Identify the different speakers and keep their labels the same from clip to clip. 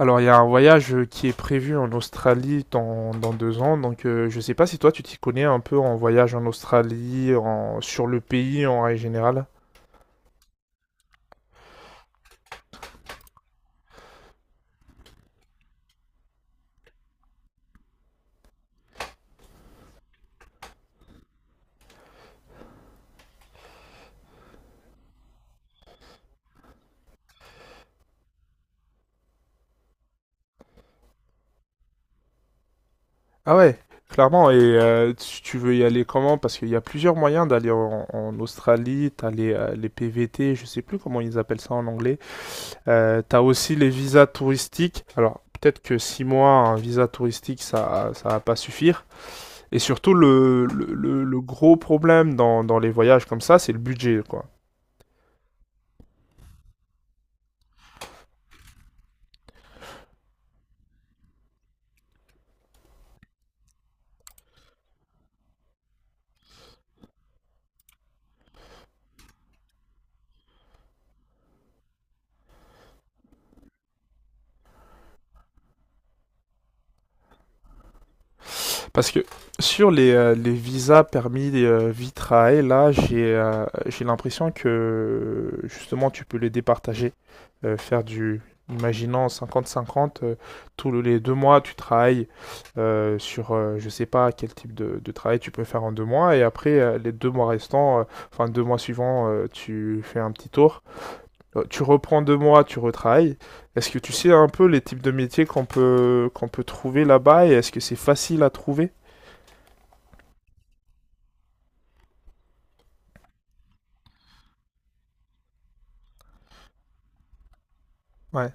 Speaker 1: Alors, il y a un voyage qui est prévu en Australie dans 2 ans, donc je sais pas si toi tu t'y connais un peu en voyage en Australie, en, sur le pays en règle générale. Ah ouais, clairement, et tu veux y aller comment? Parce qu'il y a plusieurs moyens d'aller en, en Australie, t'as les PVT, je sais plus comment ils appellent ça en anglais, t'as aussi les visas touristiques. Alors, peut-être que 6 mois, un visa touristique, ça va pas suffire. Et surtout, le gros problème dans les voyages comme ça, c'est le budget, quoi. Parce que sur les visas permis vie-travail, là, j'ai l'impression que, justement, tu peux les départager. Euh, faire du, Imaginons, 50-50, tous les 2 mois, tu travailles je sais pas quel type de travail tu peux faire en 2 mois, et après, les deux mois restants, enfin, deux mois suivants, tu fais un petit tour tu reprends 2 mois, tu retravailles. Est-ce que tu sais un peu les types de métiers qu'on peut trouver là-bas et est-ce que c'est facile à trouver? Ouais.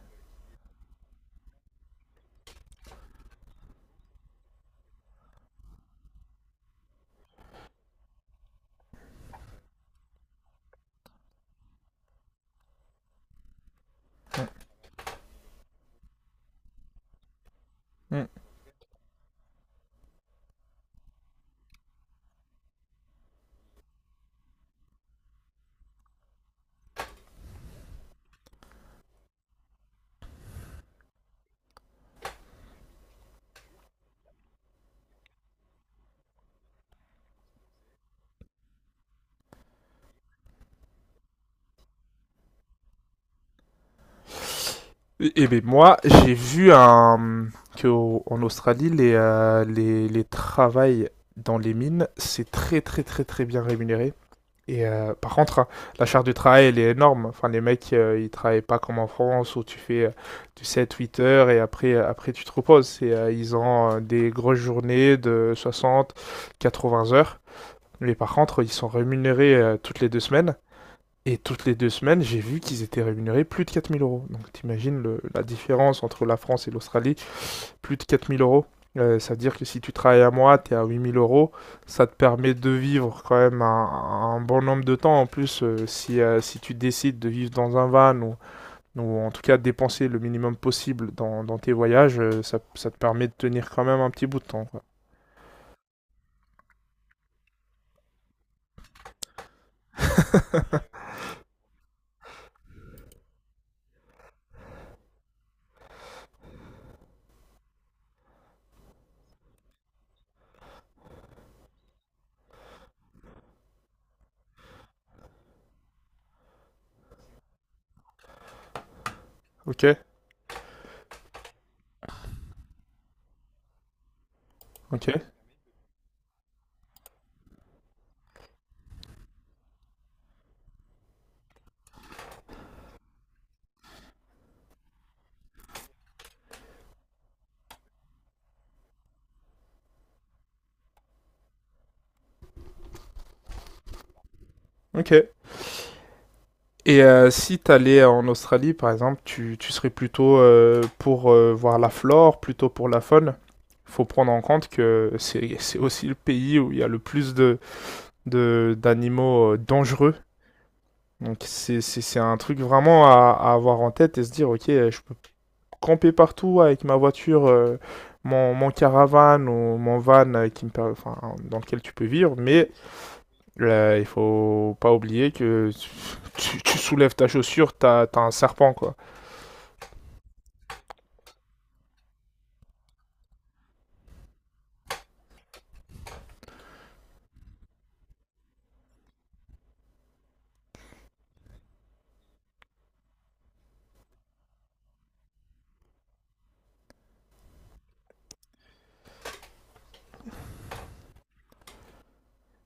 Speaker 1: Et ben moi, j'ai vu un... qu'en Australie, les travails dans les mines, c'est très très très très bien rémunéré. Et par contre, la charge du travail, elle est énorme. Enfin, les mecs, ils travaillent pas comme en France où tu fais du 7-8 heures et après, après tu te reposes. Et, ils ont des grosses journées de 60-80 heures. Mais par contre, ils sont rémunérés toutes les 2 semaines. Et toutes les 2 semaines, j'ai vu qu'ils étaient rémunérés plus de 4000 euros. Donc t'imagines la différence entre la France et l'Australie, plus de 4000 euros. Ça veut dire que si tu travailles à moi, tu es à 8000 euros. Ça te permet de vivre quand même un bon nombre de temps. En plus, si tu décides de vivre dans un van ou en tout cas de dépenser le minimum possible dans tes voyages, ça te permet de tenir quand même un petit bout de temps, quoi. Ok, ok, ok. Et si t'allais en Australie, par exemple, tu serais plutôt pour voir la flore, plutôt pour la faune. Faut prendre en compte que c'est aussi le pays où il y a le plus de d'animaux dangereux. Donc c'est un truc vraiment à avoir en tête et se dire, ok, je peux camper partout avec ma voiture, mon caravane ou mon van enfin, dans lequel tu peux vivre, mais il faut pas oublier que tu soulèves ta chaussure, t'as un serpent, quoi.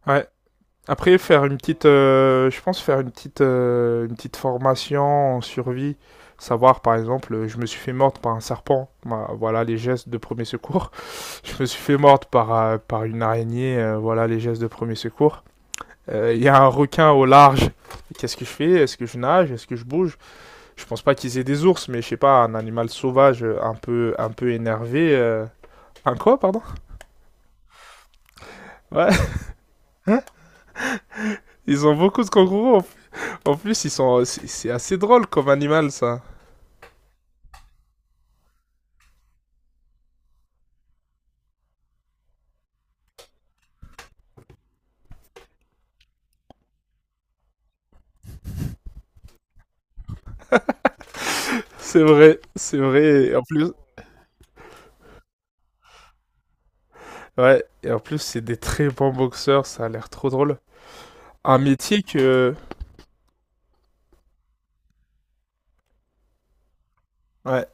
Speaker 1: Ouais. Après, faire je pense faire une petite formation en survie, savoir par exemple, je me suis fait mordre par un serpent, bah, voilà les gestes de premier secours. Je me suis fait morte par une araignée, voilà les gestes de premier secours. Il y a un requin au large. Qu'est-ce que je fais? Est-ce que je nage? Est-ce que je bouge? Je pense pas qu'ils aient des ours, mais je sais pas, un animal sauvage un peu énervé. Euh, un quoi, pardon? Ouais. Ils ont beaucoup de kangourous. En- en plus, c'est assez drôle comme animal, ça. C'est vrai, c'est vrai. Et en plus, ouais. Et en plus, c'est des très bons boxeurs. Ça a l'air trop drôle. Un métier que. Ouais.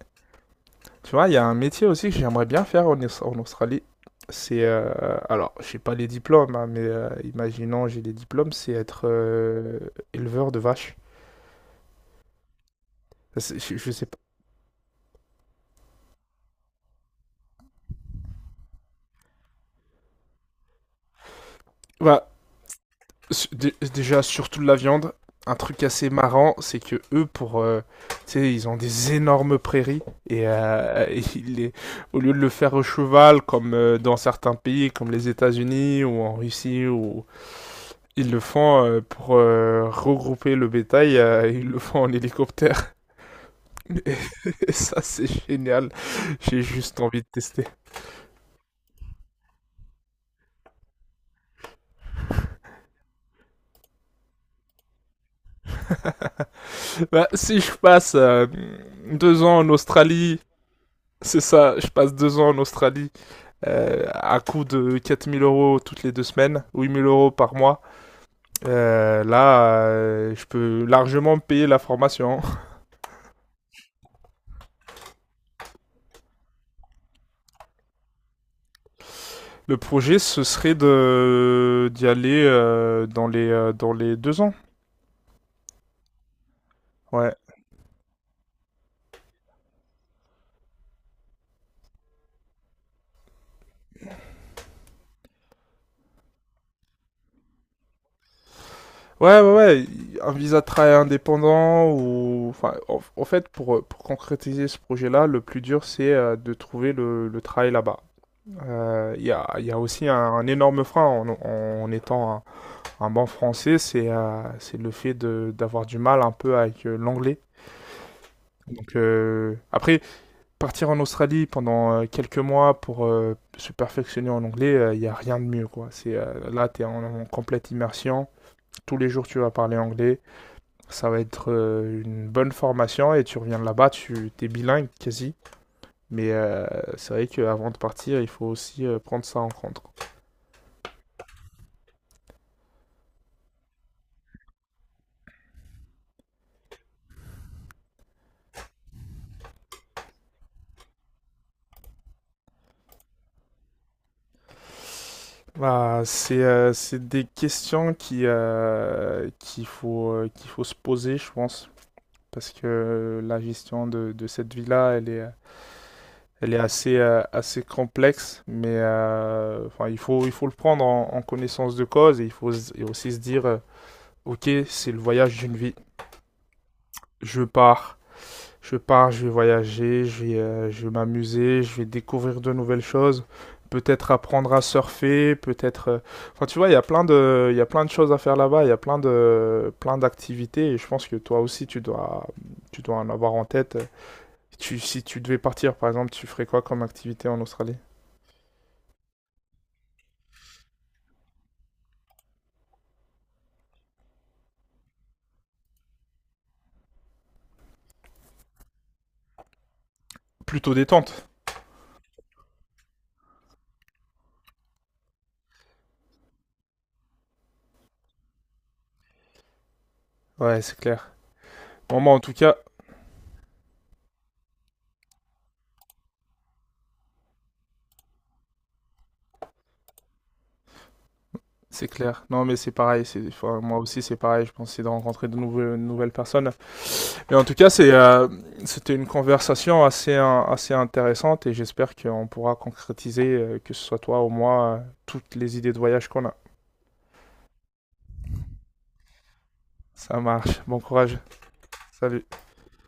Speaker 1: Tu vois, il y a un métier aussi que j'aimerais bien faire en, en Australie. C'est, euh, je pas les diplômes, hein, mais imaginons j'ai les diplômes, c'est être éleveur de vaches. C'est- je sais pas. Bah, déjà, surtout de la viande. Un truc assez marrant, c'est que eux, tu sais, ils ont des énormes prairies et et au lieu de le faire au cheval, comme dans certains pays, comme les États-Unis ou en Russie ou ils le font pour regrouper le bétail, ils le font en hélicoptère. Et ça, c'est génial. J'ai juste envie de tester. Bah, si je passe 2 ans en Australie, c'est ça, je passe 2 ans en Australie à coût de 4000 € toutes les 2 semaines, 8000 € par mois. Je peux largement payer la formation. Le projet, ce serait de d'y aller dans les 2 ans. Ouais, ouais, un visa de travail indépendant ou... Enfin, en fait, pour concrétiser ce projet-là, le plus dur, c'est de trouver le travail là-bas. Il y a aussi un énorme frein en, en étant un banc français, c'est le fait de d'avoir du mal un peu avec l'anglais. Donc, après, partir en Australie pendant quelques mois pour se perfectionner en anglais, il y a rien de mieux, quoi. Là, tu es en en complète immersion. Tous les jours, tu vas parler anglais. Ça va être une bonne formation et tu reviens de là-bas, tu es bilingue quasi. Mais c'est vrai qu'avant de partir, il faut aussi prendre ça en compte. Bah, c'est des questions qui, qu'il faut se poser, je pense. Parce que la gestion de cette vie-là, elle est assez complexe. Mais enfin, il faut le prendre en, en connaissance de cause et il faut et aussi se dire, ok, c'est le voyage d'une vie. Je pars. Je pars, je vais voyager, je vais m'amuser, je vais découvrir de nouvelles choses, peut-être apprendre à surfer, peut-être... enfin, tu vois, il y a plein il y a plein de choses à faire là-bas, il y a plein plein d'activités, et je pense que toi aussi, tu dois en avoir en tête. Tu, si tu devais partir, par exemple, tu ferais quoi comme activité en Australie? Plutôt détente. Ouais, c'est clair. Bon, moi, en tout cas, c'est clair. Non, mais c'est pareil. C'est, enfin, moi aussi, c'est pareil. Je pense que c'est de rencontrer nouvelles personnes. Et en tout cas, c'est, c'était une conversation assez intéressante et j'espère qu'on pourra concrétiser, que ce soit toi ou moi, toutes les idées de voyage qu'on a. Ça marche. Bon courage. Salut.